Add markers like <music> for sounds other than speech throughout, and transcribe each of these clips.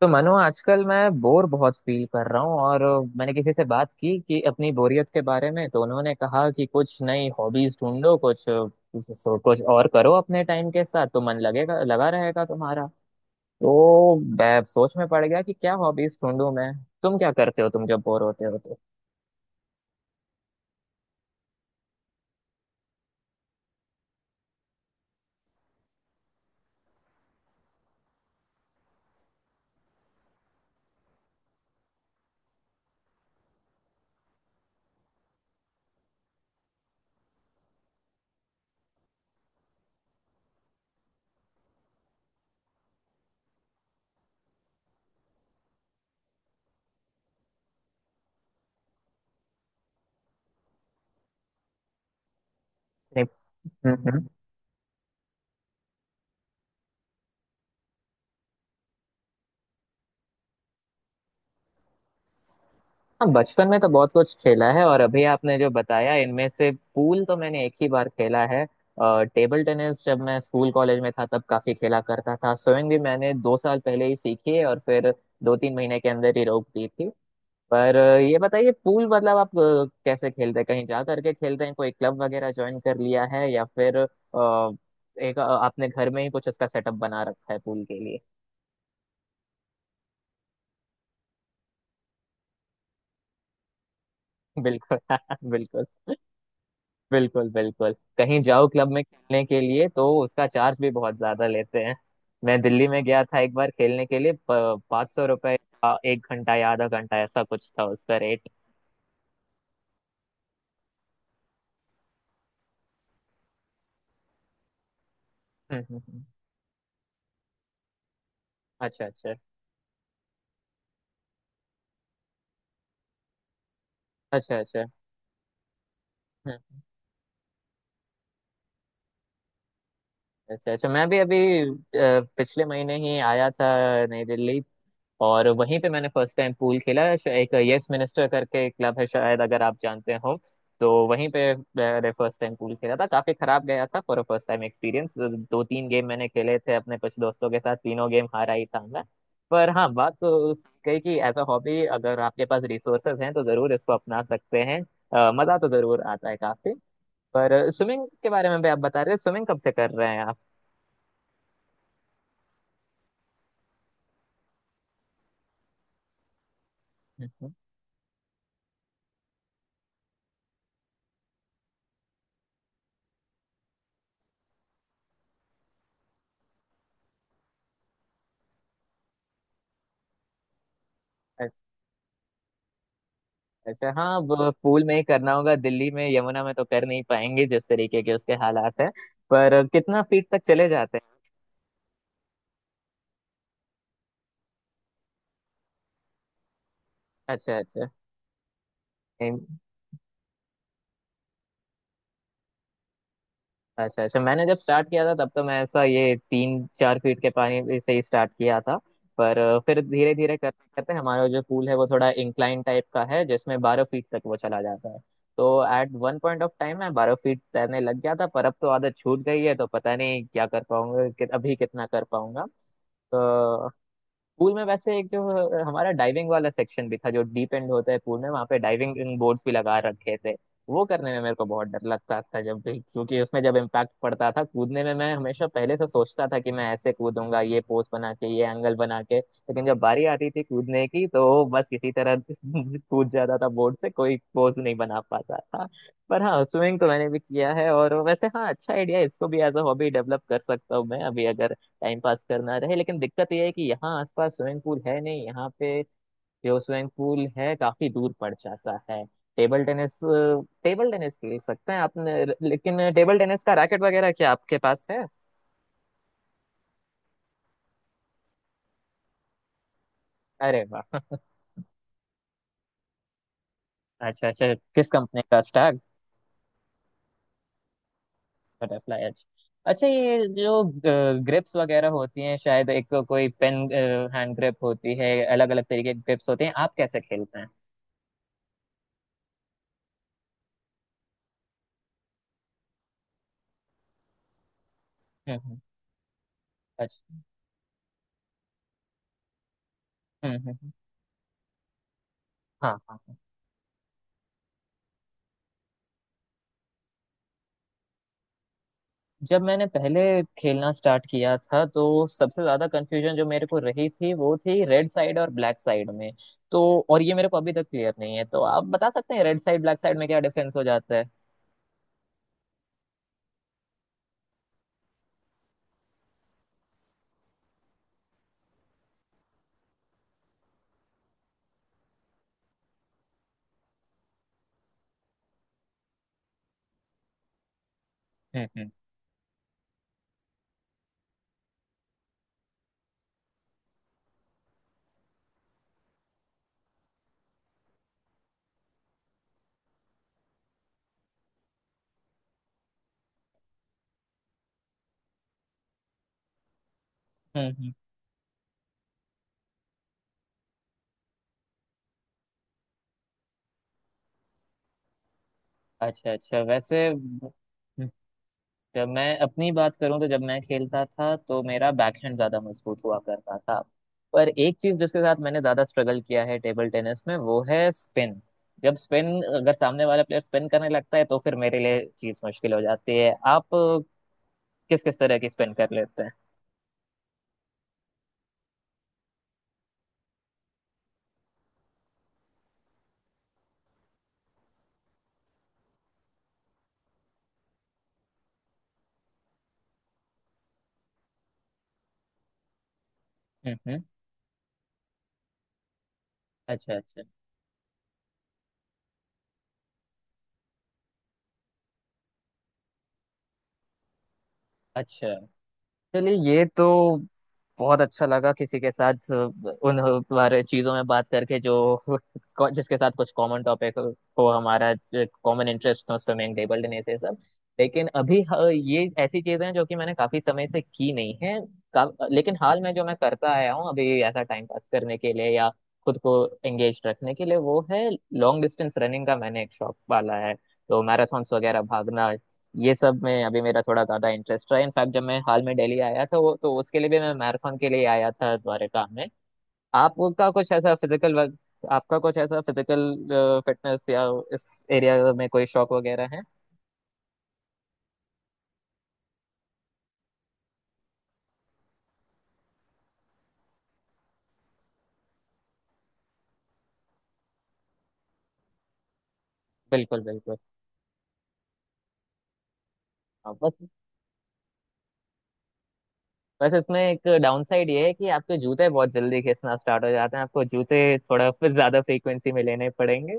तो मनु, आजकल मैं बोर बहुत फील कर रहा हूँ। और मैंने किसी से बात की कि अपनी बोरियत के बारे में, तो उन्होंने कहा कि कुछ नई हॉबीज ढूंढो, कुछ और करो अपने टाइम के साथ तो मन लगेगा, लगा रहेगा तुम्हारा। तो मैं सोच में पड़ गया कि क्या हॉबीज ढूंढूं मैं। तुम क्या करते हो तुम जब बोर होते हो तो? नहीं। हम्म। हाँ, बचपन में तो बहुत कुछ खेला है। और अभी आपने जो बताया इनमें से पूल तो मैंने एक ही बार खेला है। और टेबल टेनिस जब मैं स्कूल कॉलेज में था तब काफी खेला करता था। स्विमिंग भी मैंने 2 साल पहले ही सीखी है और फिर 2 3 महीने के अंदर ही रोक दी थी। पर ये बताइए, पूल मतलब आप कैसे खेलते हैं? कहीं जा करके खेलते हैं? कोई क्लब वगैरह ज्वाइन कर लिया है या फिर एक आपने घर में ही कुछ उसका सेटअप बना रखा है पूल के लिए? <laughs> बिल्कुल। <laughs> बिल्कुल। बिल्कुल बिल्कुल। कहीं जाओ क्लब में खेलने के लिए तो उसका चार्ज भी बहुत ज्यादा लेते हैं। मैं दिल्ली में गया था एक बार खेलने के लिए, 500 रुपए का एक घंटा या आधा घंटा ऐसा कुछ था उसका रेट। हम्म हम्म, हम्म। अच्छा अच्छा। अच्छा अच्छा। हम्म। अच्छा अच्छा, मैं भी अभी पिछले महीने ही आया था नई दिल्ली। और वहीं पे मैंने फर्स्ट टाइम पूल खेला, एक यस मिनिस्टर करके एक क्लब है, शायद अगर आप जानते हो। तो वहीं पे मैंने फर्स्ट टाइम पूल खेला था। काफी खराब गया था for first time experience. 2 3 game मैंने खेले थे अपने कुछ दोस्तों के साथ, तीनों गेम हारा ही था मैं। पर हाँ, बात तो उस कही कि एज अ हॉबी, अगर आपके पास रिसोर्सेज हैं तो जरूर इसको अपना सकते हैं। मजा तो जरूर आता है काफी। पर स्विमिंग के बारे में भी आप बता रहे हैं, स्विमिंग कब से कर रहे हैं आप? <laughs> अच्छा, हाँ वो पूल में ही करना होगा। दिल्ली में यमुना में तो कर नहीं पाएंगे जिस तरीके के उसके हालात है। पर कितना फीट तक चले जाते हैं? अच्छा अच्छा। एम- अच्छा अच्छा, मैंने जब स्टार्ट किया था तब तो मैं ऐसा ये 3 4 फीट के पानी से ही स्टार्ट किया था। पर फिर धीरे धीरे करते करते हमारा जो पूल है वो थोड़ा इंक्लाइन टाइप का है जिसमें 12 फीट तक वो चला जाता है। तो at one point of time मैं 12 फीट तैरने लग गया था। पर अब तो आदत छूट गई है तो पता नहीं क्या कर पाऊंगा, कि अभी कितना कर पाऊंगा। तो पूल में वैसे एक जो हमारा डाइविंग वाला सेक्शन भी था, जो डीप एंड होता है पूल में, वहां पे डाइविंग बोर्ड्स भी लगा रखे थे। वो करने में मेरे को बहुत डर लगता था जब भी, क्योंकि उसमें जब इम्पैक्ट पड़ता था कूदने में, मैं हमेशा पहले से सोचता था कि मैं ऐसे कूदूंगा, ये पोज बना के, ये एंगल बना के, लेकिन जब बारी आती थी कूदने की तो बस किसी तरह <laughs> कूद जाता था बोर्ड से, कोई पोज नहीं बना पाता था। पर हाँ, स्विमिंग तो मैंने भी किया है। और वैसे हाँ, अच्छा आइडिया, इसको भी एज अ हॉबी डेवलप कर सकता हूँ मैं अभी, अगर टाइम पास करना रहे। लेकिन दिक्कत यह है कि यहाँ आसपास स्विमिंग पूल है नहीं यहाँ पे। जो स्विमिंग पूल है काफी दूर पड़ जाता है। टेबल टेनिस, टेबल टेनिस खेल सकते हैं आपने, लेकिन टेबल टेनिस का रैकेट वगैरह क्या आपके पास है? अरे वाह! <laughs> अच्छा अच्छा, किस कंपनी का, स्टैग? बटरफ्लाई, अच्छा। अच्छा, ये जो ग्रिप्स वगैरह होती हैं, शायद एक कोई पेन हैंड ग्रिप होती है, अलग अलग तरीके के ग्रिप्स होते हैं, आप कैसे खेलते हैं? हम्म हम्म, अच्छा। हम्म हम्म हम्म, हाँ हाँ हाँ। जब मैंने पहले खेलना स्टार्ट किया था तो सबसे ज्यादा कंफ्यूजन जो मेरे को रही थी वो थी रेड साइड और ब्लैक साइड में। तो और ये मेरे को अभी तक क्लियर नहीं है, तो आप बता सकते हैं रेड साइड ब्लैक साइड में क्या डिफरेंस हो जाता है? हम्म हम्म हम्म हम्म। अच्छा अच्छा। वैसे जब मैं अपनी बात करूं तो जब मैं खेलता था तो मेरा बैकहैंड ज्यादा मजबूत हुआ करता था। पर एक चीज जिसके साथ मैंने ज्यादा स्ट्रगल किया है टेबल टेनिस में वो है स्पिन। जब स्पिन, अगर सामने वाला प्लेयर स्पिन करने लगता है तो फिर मेरे लिए चीज मुश्किल हो जाती है। आप किस किस तरह की स्पिन कर लेते हैं? हम्म हम्म, अच्छा। अच्छा अच्छा, चलिए, ये तो बहुत अच्छा लगा किसी के साथ उन बारे चीजों में बात करके जो <laughs> जिसके साथ कुछ कॉमन टॉपिक हो, हमारा कॉमन इंटरेस्ट हो, स्विमिंग, टेबल टेनिस, ये सब। लेकिन अभी ये ऐसी चीजें हैं जो कि मैंने काफी समय से की नहीं है। लेकिन हाल में जो मैं करता आया हूँ अभी ऐसा टाइम पास करने के लिए या खुद को एंगेज रखने के लिए, वो है लॉन्ग डिस्टेंस रनिंग का मैंने एक शौक पाला है। तो मैराथॉन्स वगैरह भागना, ये सब में अभी मेरा थोड़ा ज्यादा इंटरेस्ट रहा। इनफैक्ट जब मैं हाल में दिल्ली आया था वो तो उसके लिए भी, मैं मैराथन के लिए आया था द्वारका में। आपका कुछ ऐसा फिजिकल वर्क, आपका कुछ ऐसा फिजिकल फिटनेस या इस एरिया में कोई शौक वगैरह है? बिल्कुल बिल्कुल। हाँ, बस बस इसमें एक डाउन साइड ये है कि आपके जूते बहुत जल्दी घिसना स्टार्ट हो जाते हैं, आपको जूते थोड़ा फिर ज्यादा फ्रीक्वेंसी में लेने पड़ेंगे।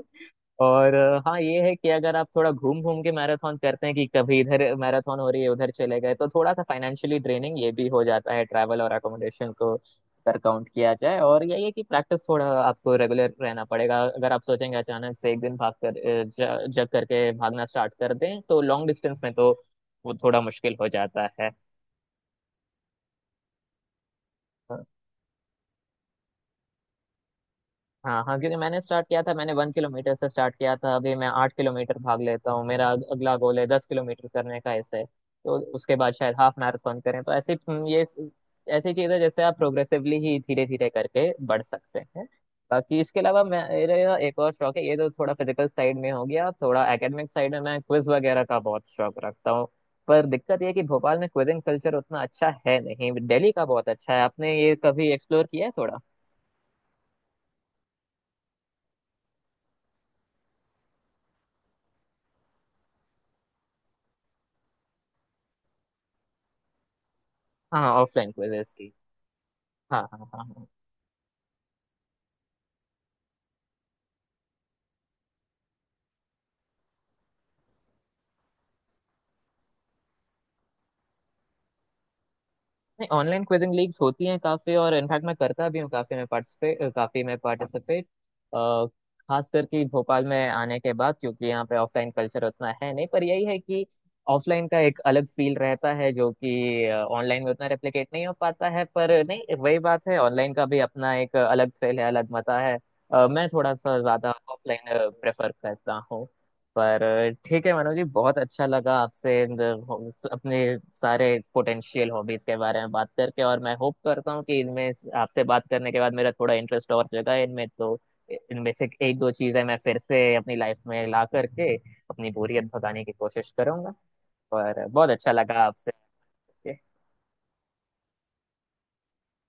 और हाँ ये है कि अगर आप थोड़ा घूम घूम के मैराथन करते हैं, कि कभी इधर मैराथन हो रही है उधर चले गए, तो थोड़ा सा फाइनेंशियली ड्रेनिंग ये भी हो जाता है, ट्रैवल और अकोमोडेशन को अगर काउंट किया जाए। और यही है कि प्रैक्टिस थोड़ा आपको रेगुलर रहना पड़ेगा। अगर आप सोचेंगे अचानक से एक दिन भाग कर जग करके भागना स्टार्ट कर दें तो लॉन्ग डिस्टेंस में तो वो थोड़ा मुश्किल हो जाता है। हाँ हाँ, क्योंकि मैंने स्टार्ट किया था, मैंने 1 किलोमीटर से स्टार्ट किया था। अभी मैं 8 किलोमीटर भाग लेता हूँ। मेरा अगला गोल है 10 किलोमीटर करने का। ऐसे तो उसके बाद शायद हाफ मैराथन करें। तो ऐसे ये ऐसी चीज है जैसे आप प्रोग्रेसिवली ही धीरे धीरे करके बढ़ सकते हैं। बाकी इसके अलावा मेरा एक और शौक है। ये तो थोड़ा फिजिकल साइड में हो गया, थोड़ा एकेडमिक साइड में मैं क्विज वगैरह का बहुत शौक रखता हूँ। पर दिक्कत ये है कि भोपाल में क्विजिंग कल्चर उतना अच्छा है नहीं, दिल्ली का बहुत अच्छा है। आपने ये कभी एक्सप्लोर किया है थोड़ा? हाँ, ऑफलाइन क्विजेस। हाँ हाँ हाँ हाँ। नहीं, ऑनलाइन क्विजिंग लीग्स होती हैं काफी। और इनफैक्ट मैं करता भी हूँ काफी। मैं पार्टिसिपेट खास करके भोपाल में आने के बाद, क्योंकि यहाँ पे ऑफलाइन कल्चर उतना है नहीं। पर यही है कि ऑफलाइन का एक अलग फील रहता है जो कि ऑनलाइन में उतना रेप्लिकेट नहीं हो पाता है। पर नहीं, वही बात है, ऑनलाइन का भी अपना एक अलग थ्रिल है, अलग मजा है। मैं थोड़ा सा ज्यादा ऑफलाइन प्रेफर करता। पर ठीक है मनोज जी, बहुत अच्छा लगा आपसे अपने सारे पोटेंशियल हॉबीज के बारे में बात करके। और मैं होप करता हूँ कि आपसे बात करने के बाद मेरा थोड़ा इंटरेस्ट और जगा इनमें, तो इनमें से एक दो चीजें मैं फिर से अपनी लाइफ में ला करके अपनी बोरियत भगाने की कोशिश करूंगा। पर बहुत अच्छा लगा आपसे।